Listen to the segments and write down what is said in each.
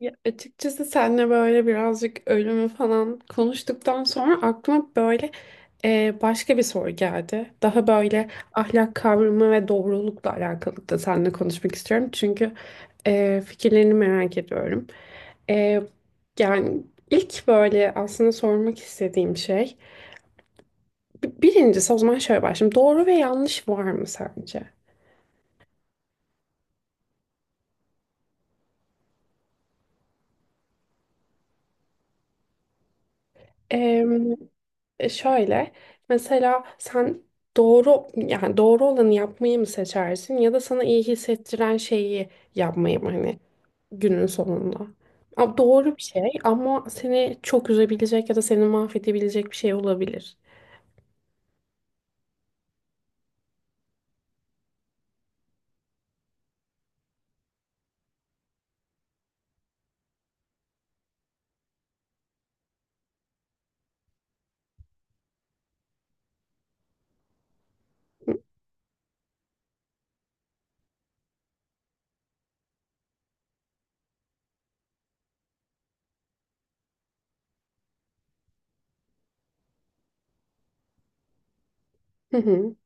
Ya açıkçası seninle böyle birazcık ölümü falan konuştuktan sonra aklıma böyle başka bir soru geldi. Daha böyle ahlak kavramı ve doğrulukla alakalı da seninle konuşmak istiyorum. Çünkü fikirlerini merak ediyorum. E, yani ilk böyle aslında sormak istediğim şey birincisi o zaman şöyle başlayayım. Doğru ve yanlış var mı sence? Em, şöyle mesela sen doğru yani doğru olanı yapmayı mı seçersin ya da sana iyi hissettiren şeyi yapmayı mı hani günün sonunda? Doğru bir şey ama seni çok üzebilecek ya da seni mahvedebilecek bir şey olabilir. Hı hı.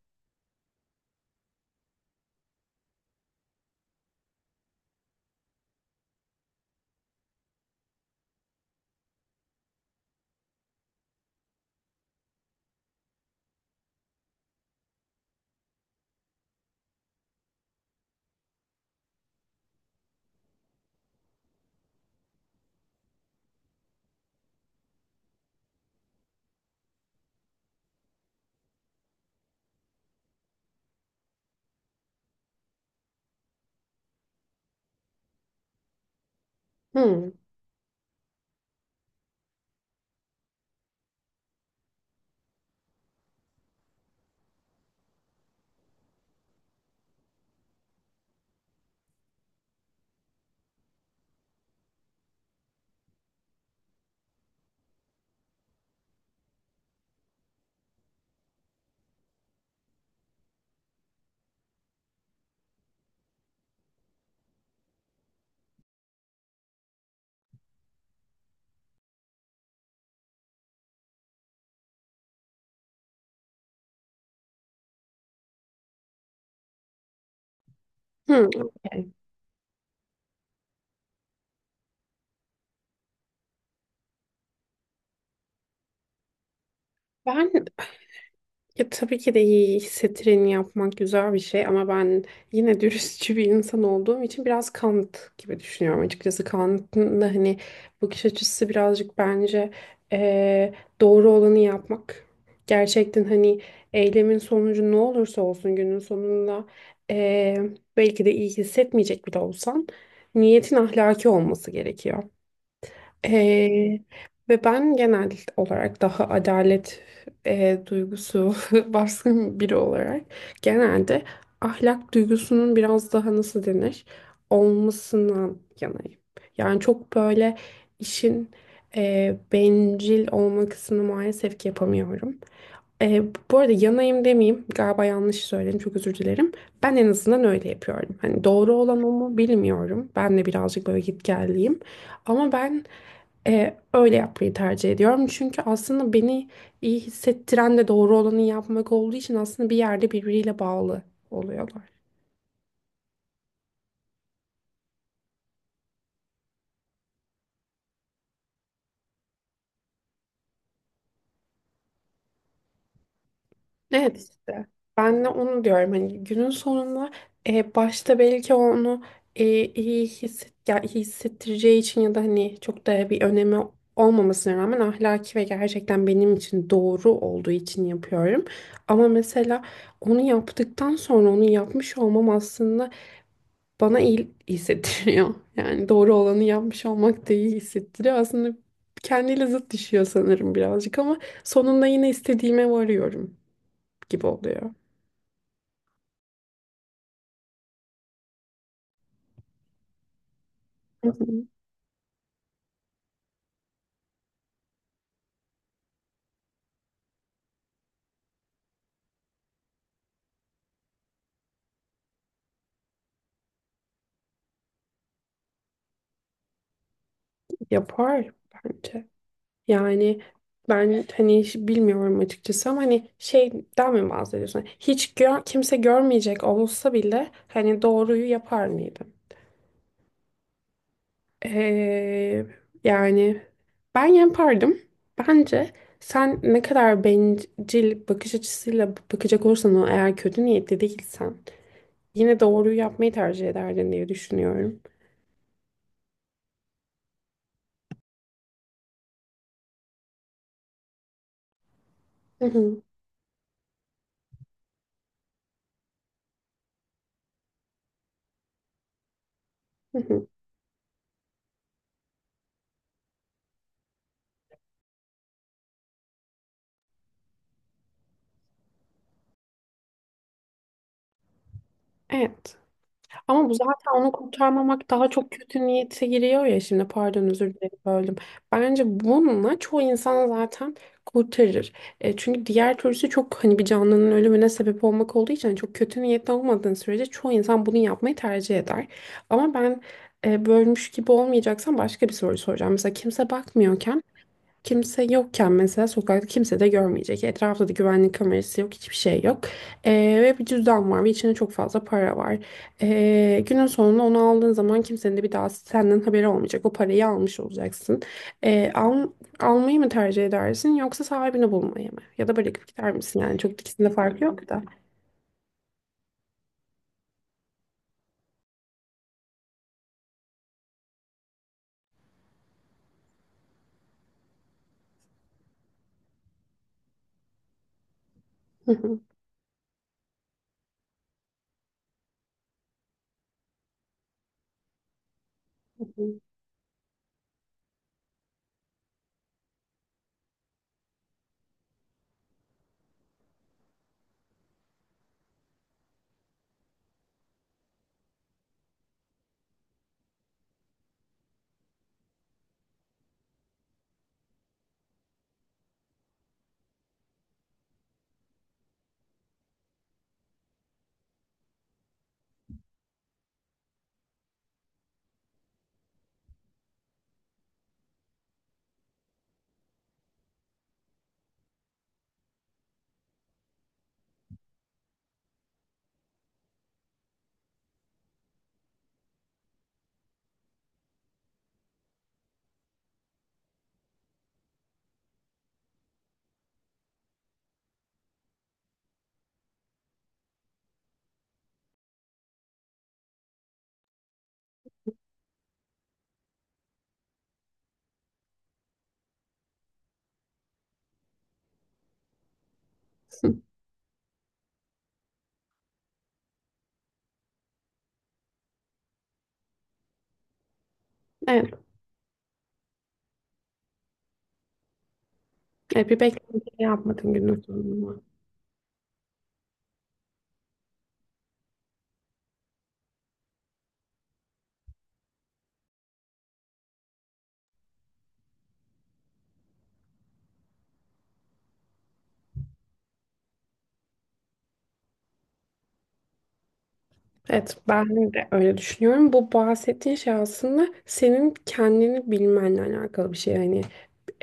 Hı. Hı, okey. Ben ya tabii ki de iyi hissettireni yapmak güzel bir şey ama ben yine dürüstçü bir insan olduğum için biraz Kant gibi düşünüyorum açıkçası. Kant'ın da hani bakış açısı birazcık bence eee, doğru olanı yapmak. Gerçekten hani eylemin sonucu ne olursa olsun günün sonunda eee, belki de iyi hissetmeyecek bile olsan niyetin ahlaki olması gerekiyor. Ee, ve ben genel olarak daha adalet duygusu baskın biri olarak genelde ahlak duygusunun biraz daha nasıl denir olmasından yanayım. Yani çok böyle işin bencil olma kısmını maalesef ki yapamıyorum. E, bu arada yanayım demeyeyim. Galiba yanlış söyledim. Çok özür dilerim. Ben en azından öyle yapıyorum. Hani doğru olan o mu bilmiyorum. Ben de birazcık böyle gitgelliyim. Ama ben öyle yapmayı tercih ediyorum. Çünkü aslında beni iyi hissettiren de doğru olanı yapmak olduğu için aslında bir yerde birbiriyle bağlı oluyorlar. Evet işte. Ben de onu diyorum. Hani günün sonunda başta belki onu iyi hisset, ya iyi hissettireceği için ya da hani çok da bir önemi olmamasına rağmen ahlaki ve gerçekten benim için doğru olduğu için yapıyorum. Ama mesela onu yaptıktan sonra onu yapmış olmam aslında bana iyi hissettiriyor. Yani doğru olanı yapmış olmak da iyi hissettiriyor. Aslında kendiyle zıt düşüyor sanırım birazcık ama sonunda yine istediğime varıyorum gibi oluyor. Hı hı. Yapar bence. Yani ben hani hiç bilmiyorum açıkçası ama hani şeyden mi bahsediyorsun? Hiç gör, kimse görmeyecek olsa bile hani doğruyu yapar mıydım? Ee, yani ben yapardım. Bence sen ne kadar bencil bakış açısıyla bakacak olursan o eğer kötü niyetli değilsen yine doğruyu yapmayı tercih ederdin diye düşünüyorum. Hı hı, hı hı. Evet. Ama bu zaten onu kurtarmamak daha çok kötü niyete giriyor ya şimdi pardon özür dilerim böldüm. Bence bununla çoğu insan zaten kurtarır. Çünkü diğer türlüsü çok hani bir canlının ölümüne sebep olmak olduğu için hani çok kötü niyetli olmadığın sürece çoğu insan bunu yapmayı tercih eder. Ama ben bölmüş gibi olmayacaksam başka bir soru soracağım. Mesela kimse bakmıyorken kimse yokken mesela sokakta kimse de görmeyecek. Etrafta da güvenlik kamerası yok, hiçbir şey yok. Ee, ve bir cüzdan var ve içinde çok fazla para var. Günün sonunda onu aldığın zaman kimsenin de bir daha senden haberi olmayacak. O parayı almış olacaksın. Ee, al- almayı mı tercih edersin yoksa sahibini bulmayı mı? Ya da bırakıp gider misin? Yani çok ikisinde fark yok da. Evet, evet bir beklenti yapmadın günün sonunda. Evet, ben de öyle düşünüyorum. Bu bahsettiğin şey aslında senin kendini bilmenle alakalı bir şey. Yani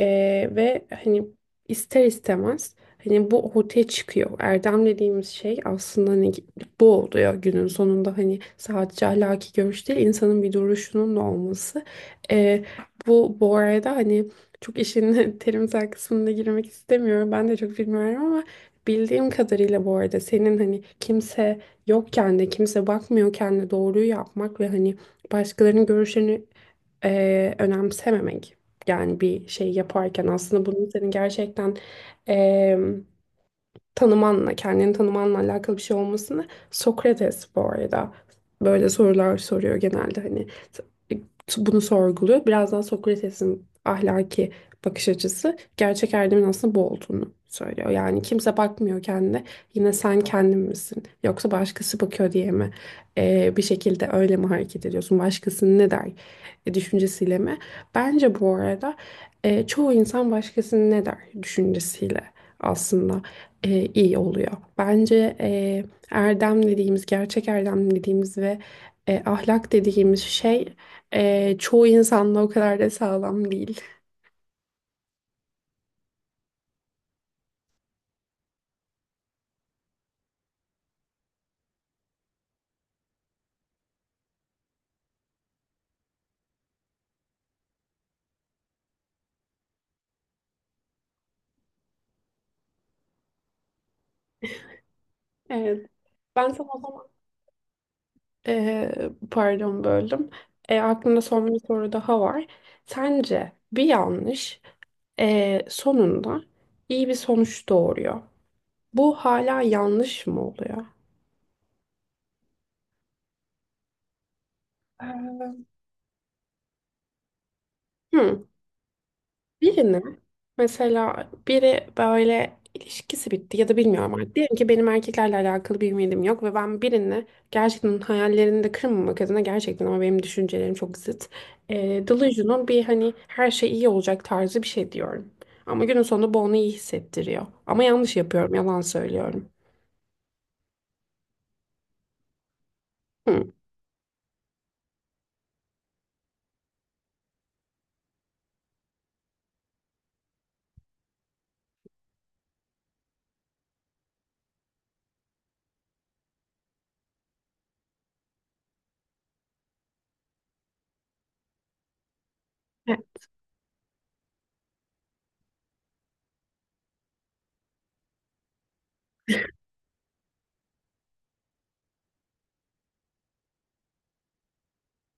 ve hani ister istemez hani bu ortaya çıkıyor. Erdem dediğimiz şey aslında hani bu oluyor günün sonunda hani sadece ahlaki görüş değil insanın bir duruşunun da olması. Ee, bu bu arada hani çok işin terimsel kısmına girmek istemiyorum. Ben de çok bilmiyorum ama bildiğim kadarıyla bu arada senin hani kimse yokken de kimse bakmıyorken de doğruyu yapmak ve hani başkalarının görüşlerini önemsememek yani bir şey yaparken aslında bunun senin gerçekten em, tanımanla, kendini tanımanla alakalı bir şey olmasını Sokrates bu arada böyle sorular soruyor genelde hani t- bunu sorguluyor. Biraz daha Sokrates'in ahlaki bakış açısı gerçek erdemin aslında bu olduğunu söylüyor. Yani kimse bakmıyor kendine. Yine sen kendin misin? Yoksa başkası bakıyor diye mi? Bir şekilde öyle mi hareket ediyorsun? Başkasının ne der düşüncesiyle mi? Bence bu arada çoğu insan başkasının ne der düşüncesiyle aslında iyi oluyor. Bence erdem dediğimiz, gerçek erdem dediğimiz ve ahlak dediğimiz şey çoğu insanla o kadar da sağlam değil. Evet. Ben sana o zaman pardon böldüm. Aklımda son bir soru daha var. Sence bir yanlış sonunda iyi bir sonuç doğuruyor. Bu hala yanlış mı oluyor? Ee, Hmm. Birini mesela biri böyle ilişkisi bitti ya da bilmiyorum artık. Diyelim ki benim erkeklerle alakalı bir ümidim yok ve ben birini gerçekten hayallerini de kırmamak adına gerçekten ama benim düşüncelerim çok zıt. Delusional bir hani her şey iyi olacak tarzı bir şey diyorum. Ama günün sonunda bu onu iyi hissettiriyor. Ama yanlış yapıyorum, yalan söylüyorum. Hmm. E,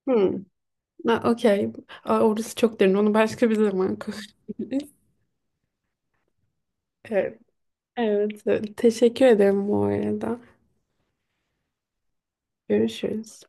Hmm. Ha, okey. Aa, orası çok derin. Onu başka bir zaman konuşuruz. Evet. Evet. Teşekkür ederim bu arada. Görüşürüz.